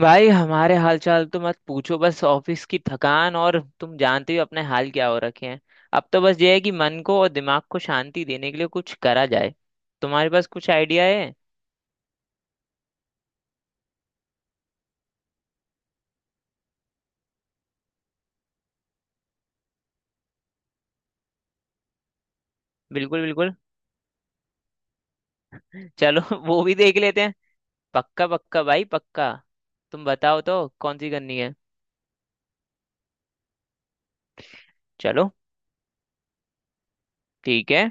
भाई, हमारे हालचाल तो मत पूछो। बस ऑफिस की थकान, और तुम जानते हो अपने हाल क्या हो रखे हैं। अब तो बस ये है कि मन को और दिमाग को शांति देने के लिए कुछ करा जाए। तुम्हारे पास कुछ आइडिया है? बिल्कुल बिल्कुल। चलो वो भी देख लेते हैं। पक्का पक्का भाई पक्का। तुम बताओ तो कौन सी करनी है? चलो। ठीक है।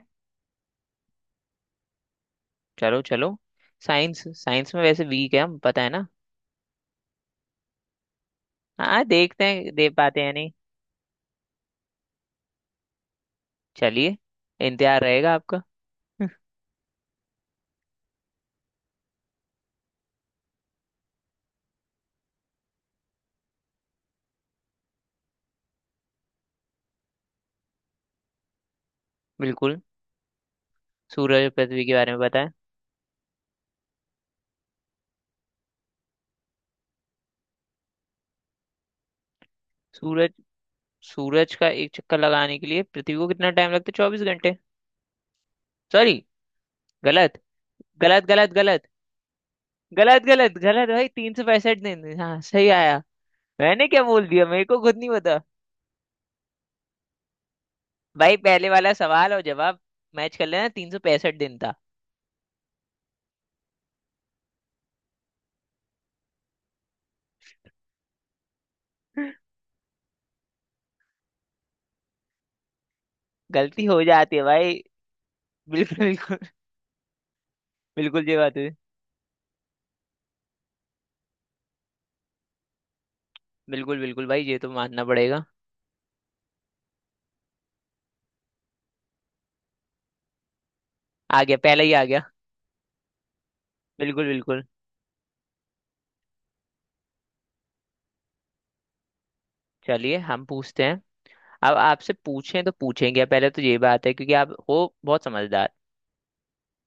चलो चलो। साइंस, साइंस में वैसे वीक है हम, पता है ना। हाँ, देखते हैं दे पाते हैं या नहीं। चलिए। इंतजार रहेगा आपका। बिल्कुल। सूरज और पृथ्वी के बारे में बताएं। सूरज, सूरज का एक चक्कर लगाने के लिए पृथ्वी को कितना टाइम लगता है? 24 घंटे। सॉरी। गलत। गलत गलत गलत। गलत गलत गलत भाई, 365 दिन। हाँ, सही आया। मैंने क्या बोल दिया मेरे को खुद नहीं पता। भाई, पहले वाला सवाल और जवाब मैच कर लेना, 365 दिन था। गलती हो जाती है भाई। बिल्कुल बिल्कुल। बिल्कुल, ये बात है। बिल्कुल बिल्कुल भाई, ये तो मानना पड़ेगा। आ गया, पहले ही आ गया। बिल्कुल बिल्कुल। चलिए हम पूछते हैं। अब आपसे पूछें तो पूछेंगे पहले, तो ये बात है क्योंकि आप हो बहुत समझदार।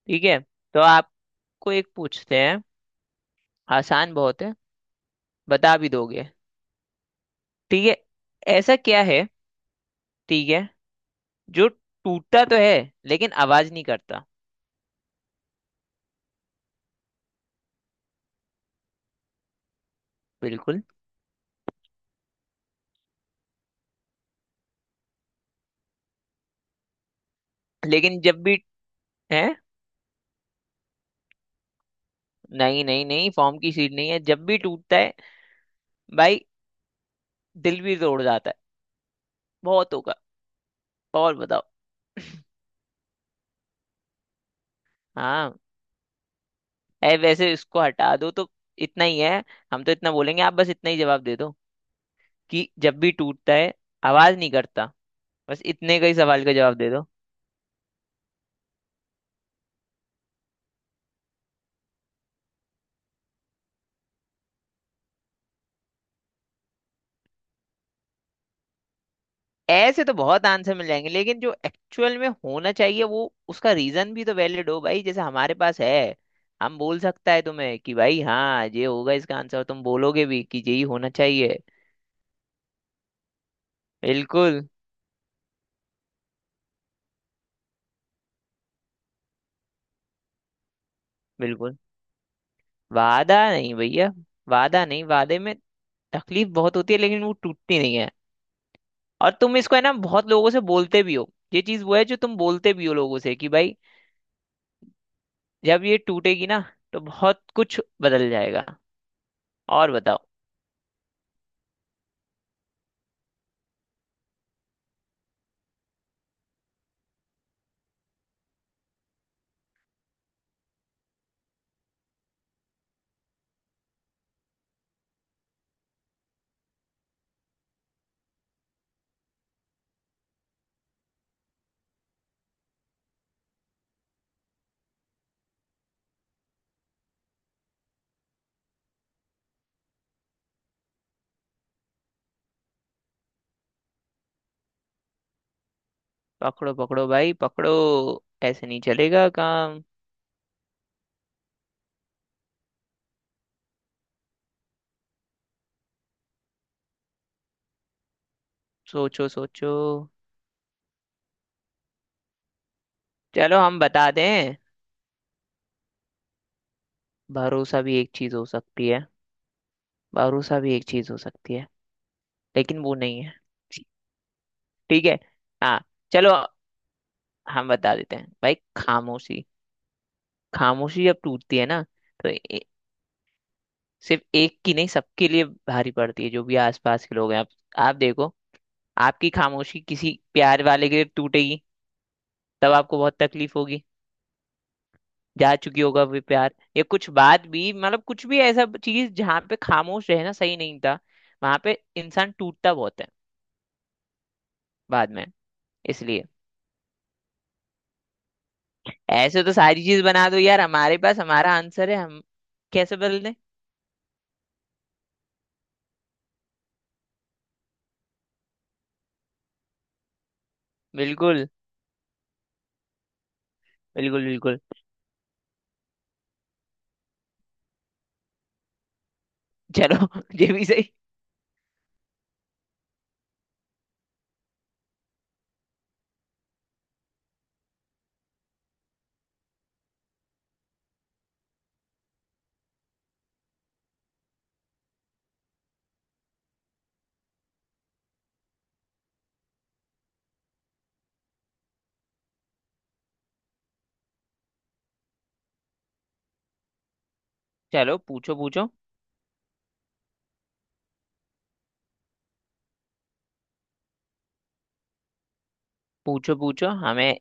ठीक है। तो आपको एक पूछते हैं। आसान बहुत है। बता भी दोगे। ठीक है। ऐसा क्या है? ठीक है। जो टूटता तो है, लेकिन आवाज नहीं करता। बिल्कुल। लेकिन जब भी, है। नहीं नहीं नहीं, फॉर्म की सीट नहीं है। जब भी टूटता है भाई, दिल भी तोड़ जाता है। बहुत होगा। और बताओ। हाँ। ऐ, वैसे इसको हटा दो तो, इतना ही है। हम तो इतना बोलेंगे, आप बस इतना ही जवाब दे दो कि जब भी टूटता है आवाज नहीं करता। बस इतने का ही सवाल का जवाब दे दो। ऐसे तो बहुत आंसर मिल जाएंगे, लेकिन जो एक्चुअल में होना चाहिए, वो उसका रीजन भी तो वैलिड हो भाई, जैसे हमारे पास है। हम बोल सकता है तुम्हें कि भाई हाँ, ये होगा इसका आंसर, और तुम बोलोगे भी कि यही होना चाहिए। बिल्कुल। बिल्कुल वादा नहीं भैया, वादा नहीं, वादे में तकलीफ बहुत होती है, लेकिन वो टूटती नहीं है। और तुम इसको है ना बहुत लोगों से बोलते भी हो, ये चीज वो है जो तुम बोलते भी हो लोगों से कि भाई जब ये टूटेगी ना तो बहुत कुछ बदल जाएगा। और बताओ। पकड़ो पकड़ो भाई पकड़ो। ऐसे नहीं चलेगा काम। सोचो सोचो। चलो हम बता दें। भरोसा भी एक चीज हो सकती है। भरोसा भी एक चीज हो सकती है, लेकिन वो नहीं है। ठीक है। हाँ। चलो हम बता देते हैं भाई, खामोशी। खामोशी जब टूटती है ना तो सिर्फ एक की नहीं सबके लिए भारी पड़ती है, जो भी आसपास के लोग हैं। आप देखो, आपकी खामोशी किसी प्यार वाले के लिए टूटेगी, तब आपको बहुत तकलीफ होगी। जा चुकी होगा वे प्यार या कुछ बात भी, मतलब कुछ भी ऐसा चीज जहाँ पे खामोश रहना सही नहीं था, वहां पे इंसान टूटता बहुत है बाद में। इसलिए ऐसे तो सारी चीज बना दो यार, हमारे पास हमारा आंसर है, हम कैसे बदल दें। बिल्कुल बिल्कुल। बिल्कुल। चलो ये भी सही। चलो पूछो पूछो। पूछो पूछो हमें।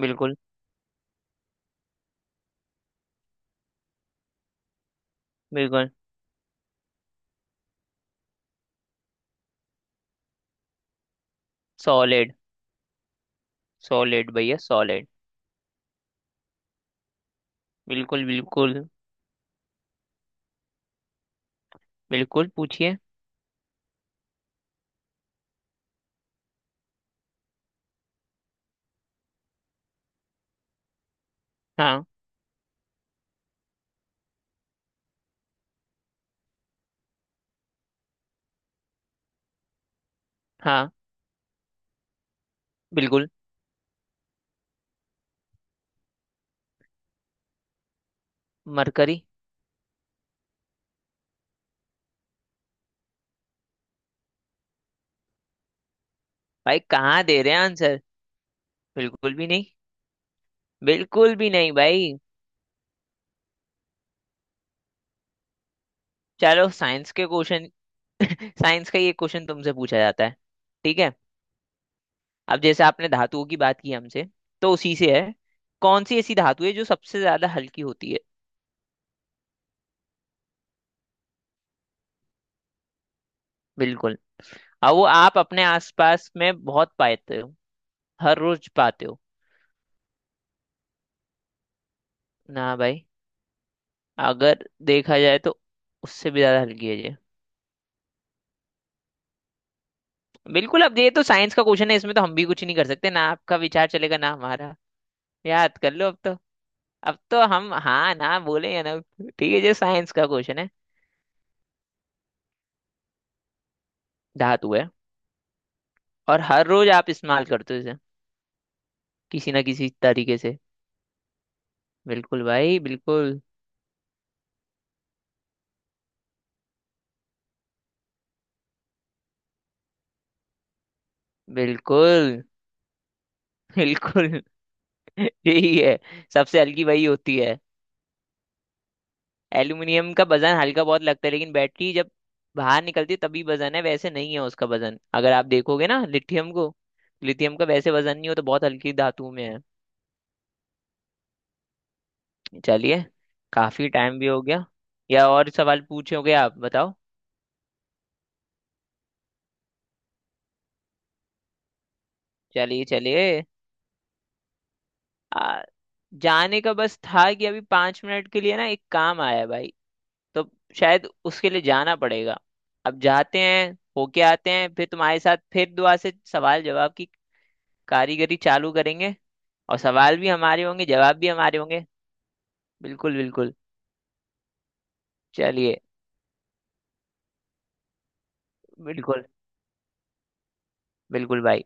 बिल्कुल। बिल्कुल सॉलिड। सॉलिड भैया सॉलिड। बिल्कुल बिल्कुल। बिल्कुल पूछिए। हाँ। हाँ। बिल्कुल। मरकरी। भाई कहाँ दे रहे हैं आंसर, बिल्कुल भी नहीं। बिल्कुल भी नहीं भाई। चलो साइंस के क्वेश्चन। साइंस का ये क्वेश्चन तुमसे पूछा जाता है। ठीक है। अब जैसे आपने धातुओं की बात की हमसे, तो उसी से है। कौन सी ऐसी धातु है जो सबसे ज्यादा हल्की होती है? बिल्कुल। और वो आप अपने आसपास में बहुत पाते हो। हर रोज पाते हो। ना भाई, अगर देखा जाए तो उससे भी ज्यादा हल्की है ये। बिल्कुल। अब ये तो साइंस का क्वेश्चन है, इसमें तो हम भी कुछ नहीं कर सकते ना, आपका विचार चलेगा ना हमारा। याद कर लो अब तो। अब तो हम हाँ ना बोलेंगे ना। ठीक है, जो साइंस का क्वेश्चन है। धातु है, और हर रोज आप इस्तेमाल करते हो इसे किसी ना किसी तरीके से। बिल्कुल भाई बिल्कुल। बिल्कुल बिल्कुल। यही है, सबसे हल्की वही होती है। एल्यूमिनियम का वजन हल्का बहुत लगता है, लेकिन बैटरी जब बाहर निकलती है तभी वजन है, वैसे नहीं है उसका वजन। अगर आप देखोगे ना लिथियम को, लिथियम का वैसे वजन नहीं हो तो बहुत हल्की धातु में है। चलिए। काफी टाइम भी हो गया। या और सवाल पूछोगे, आप बताओ। चलिए चलिए। आ, जाने का बस था कि अभी 5 मिनट के लिए ना एक काम आया है भाई, तो शायद उसके लिए जाना पड़ेगा। अब जाते हैं, होके आते हैं फिर तुम्हारे साथ, फिर दुआ से सवाल जवाब की कारीगरी चालू करेंगे। और सवाल भी हमारे होंगे, जवाब भी हमारे होंगे। बिल्कुल बिल्कुल। चलिए। बिल्कुल बिल्कुल भाई।